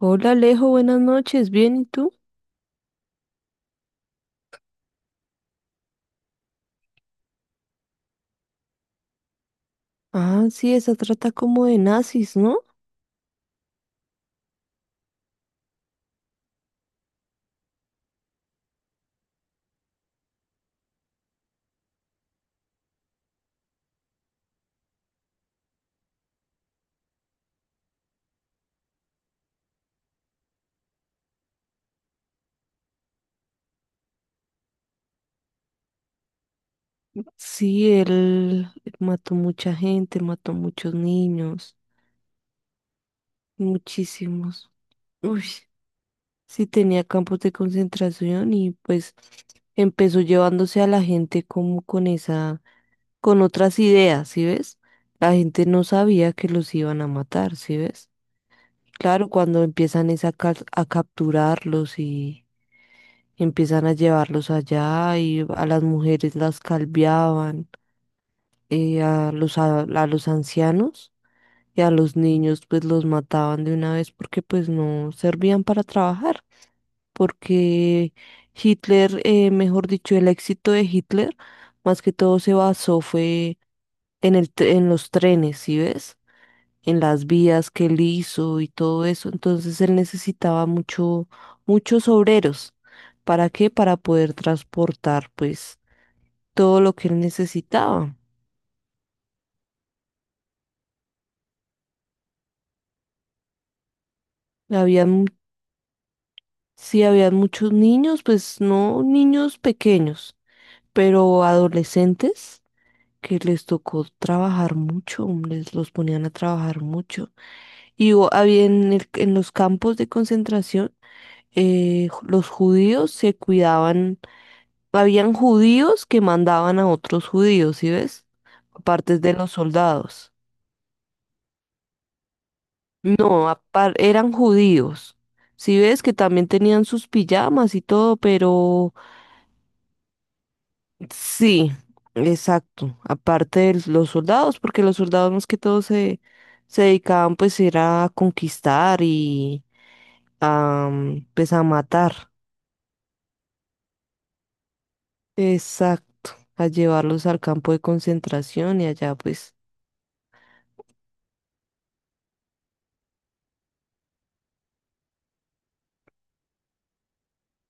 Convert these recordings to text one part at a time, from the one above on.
Hola Alejo, buenas noches, ¿bien y tú? Ah, sí, esa trata como de nazis, ¿no? Sí, él mató mucha gente, mató muchos niños, muchísimos. Uy, sí tenía campos de concentración y pues empezó llevándose a la gente como con esa, con otras ideas, ¿sí ves? La gente no sabía que los iban a matar, ¿sí ves? Claro, cuando empiezan es a, a capturarlos y empiezan a llevarlos allá y a las mujeres las calviaban, a los, a los ancianos y a los niños pues los mataban de una vez porque pues no servían para trabajar, porque Hitler, mejor dicho, el éxito de Hitler más que todo se basó fue en los trenes, ¿sí ves? En las vías que él hizo y todo eso. Entonces él necesitaba mucho, muchos obreros. ¿Para qué? Para poder transportar pues todo lo que él necesitaba. Habían, sí, habían muchos niños, pues no niños pequeños, pero adolescentes que les tocó trabajar mucho, les los ponían a trabajar mucho. Y había en los campos de concentración, los judíos se cuidaban. Habían judíos que mandaban a otros judíos, ¿sí ves? Aparte de los soldados. No, eran judíos. Si ves que también tenían sus pijamas y todo, pero sí, exacto. Aparte de los soldados, porque los soldados más que todo se, se dedicaban pues era a conquistar y a pues a matar. Exacto. A llevarlos al campo de concentración y allá pues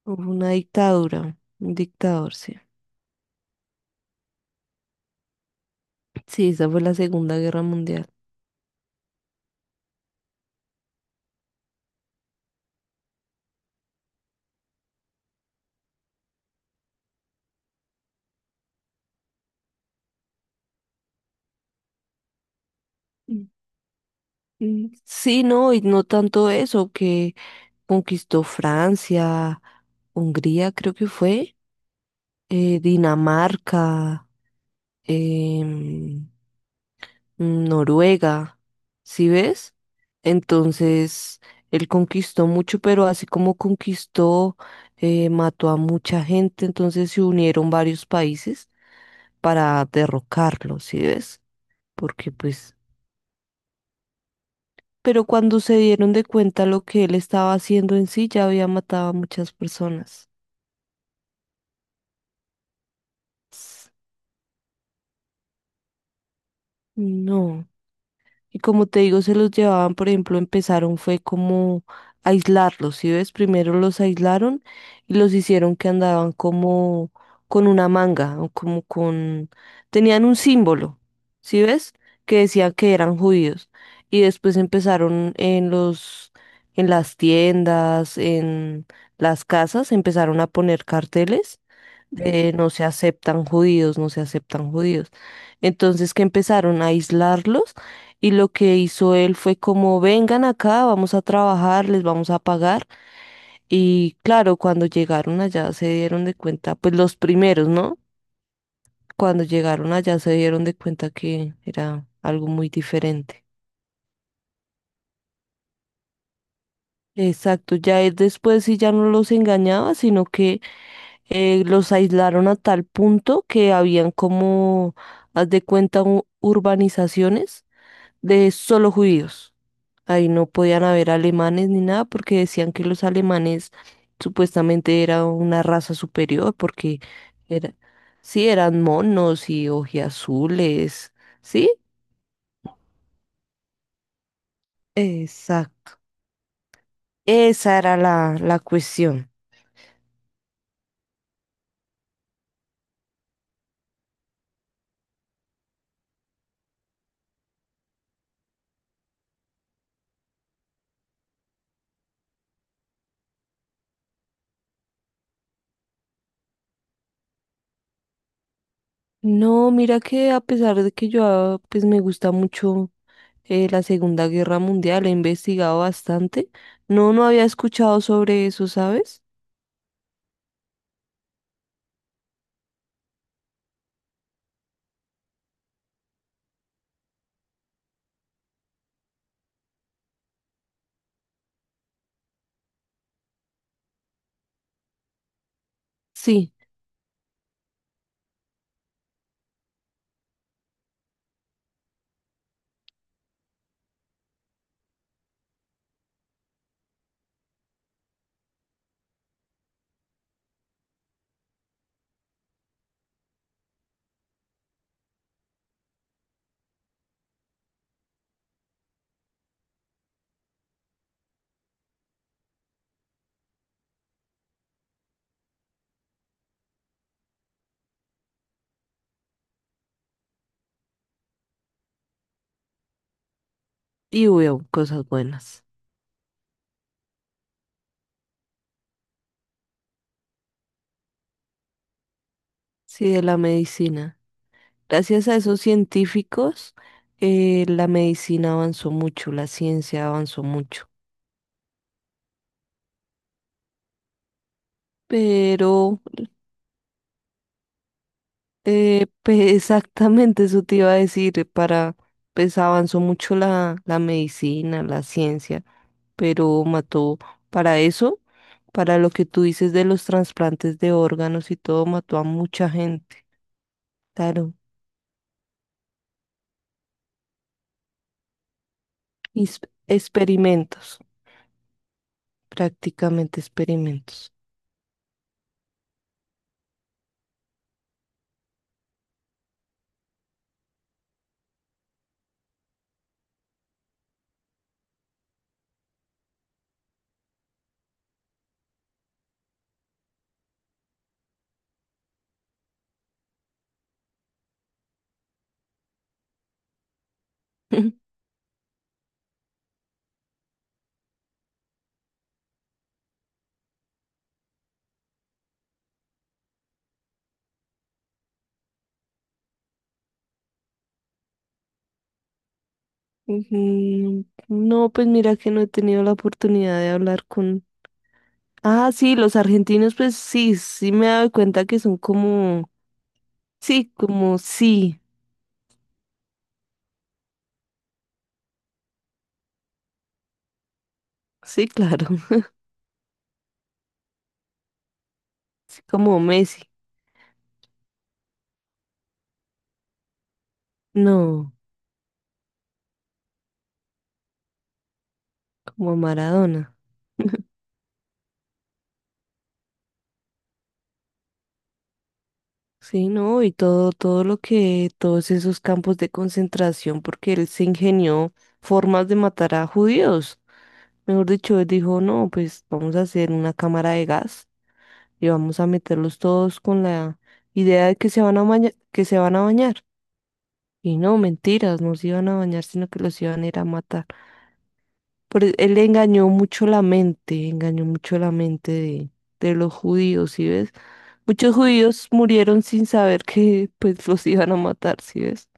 hubo una dictadura, un dictador, sí. Sí, esa fue la Segunda Guerra Mundial. Mm, mm. Sí, no, y no tanto eso, que conquistó Francia, Hungría, creo que fue, Dinamarca, em, Noruega, ¿sí ves? Entonces, él conquistó mucho, pero así como conquistó, mató a mucha gente, entonces se unieron varios países para derrocarlo, ¿sí ves? Porque pues pero cuando se dieron de cuenta lo que él estaba haciendo en sí, ya había matado a muchas personas. S- No. Y como te digo, se los llevaban, por ejemplo, empezaron fue como aislarlos, ¿sí ves? Primero los aislaron y los hicieron que andaban como con una manga, o como con... tenían un símbolo, ¿sí ves? Que decía que eran judíos. Y después empezaron en los, en las tiendas, en las casas, empezaron a poner carteles de no se aceptan judíos, no se aceptan judíos. Entonces que empezaron a aislarlos y lo que hizo él fue como vengan acá, vamos a trabajar, les vamos a pagar. Y claro, cuando llegaron allá se dieron de cuenta, pues los primeros, ¿no? Cuando llegaron allá se dieron de cuenta que era algo muy diferente. Exacto, ya él después sí ya no los engañaba, sino que los aislaron a tal punto que habían como, haz de cuenta, urbanizaciones de solo judíos. Ahí no podían haber alemanes ni nada porque decían que los alemanes supuestamente era una raza superior porque era, sí, eran monos y ojiazules, ¿sí? Exacto. Esa era la, la cuestión. No, mira que a pesar de que yo pues me gusta mucho la Segunda Guerra Mundial, he investigado bastante. No, no había escuchado sobre eso, ¿sabes? Sí, y veo cosas buenas. Sí, de la medicina. Gracias a esos científicos, la medicina avanzó mucho, la ciencia avanzó mucho. Pero, exactamente eso te iba a decir, para, pues avanzó mucho la, la medicina, la ciencia. Pero mató para eso, para lo que tú dices de los trasplantes de órganos y todo, mató a mucha gente. Claro, is- experimentos, prácticamente experimentos. Ujú. No, pues mira que no he tenido la oportunidad de hablar con... Ah, sí, los argentinos, pues sí, sí me he dado cuenta que son como sí, sí, claro, sí, como Messi. No, como Maradona. Sí, ¿no? Y todo, todo lo que, todos esos campos de concentración, porque él se ingenió formas de matar a judíos. Mejor dicho, él dijo, no, pues vamos a hacer una cámara de gas y vamos a meterlos todos con la idea de que se van a bañar, que se van a bañar. Y no, mentiras, no se iban a bañar, sino que los iban a ir a matar. Él engañó mucho la mente, engañó mucho la mente de los judíos, ¿sí ves? Muchos judíos murieron sin saber que pues los iban a matar, ¿sí ves?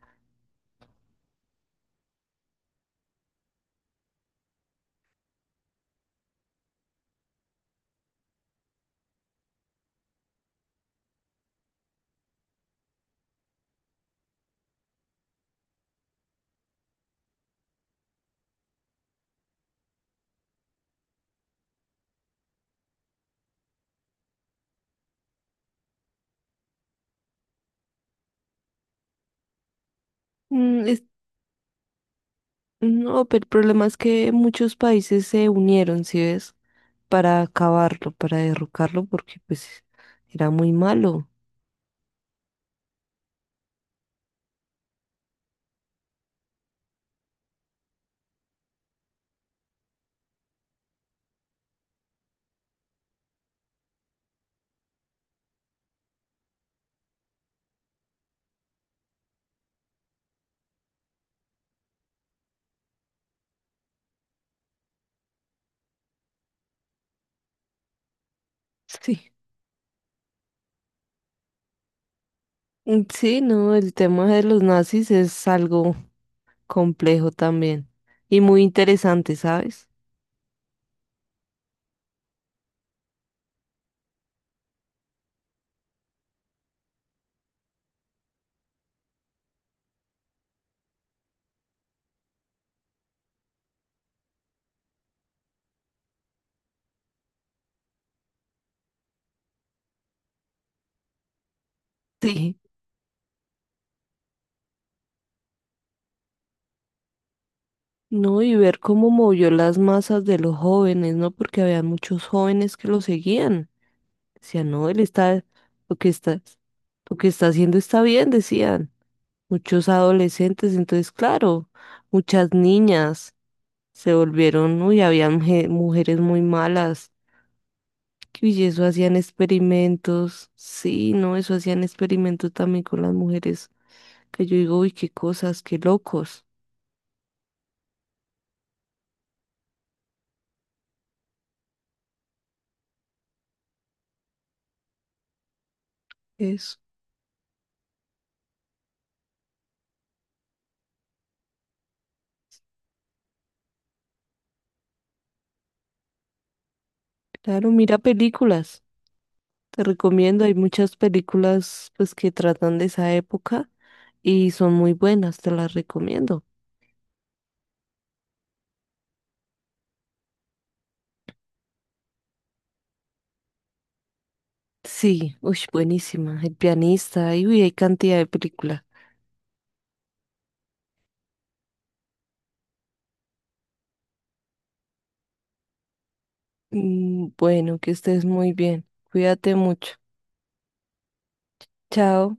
Mm, es- no, pero el problema es que muchos países se unieron, ¿sí ves? Para acabarlo, para derrocarlo, porque pues era muy malo. Sí. Mm, sí, no, el tema de los nazis es algo complejo también y muy interesante, ¿sabes? Sí. No, y ver cómo movió las masas de los jóvenes, ¿no? Porque había muchos jóvenes que lo seguían. Decían, no, él está, lo que está, lo que está haciendo está bien, decían. Muchos adolescentes, entonces claro, muchas niñas se volvieron, uy, habían mujeres muy malas, y eso hacían experimentos, sí, no, eso hacían experimentos también con las mujeres, que yo digo, uy, qué cosas, qué locos, eso, claro, mira películas, te recomiendo, hay muchas películas pues que tratan de esa época y son muy buenas, te las recomiendo. Sí, uy, buenísima, El pianista, y uy, hay cantidad de películas. Mm, bueno, que estés muy bien. Cuídate mucho. Chao.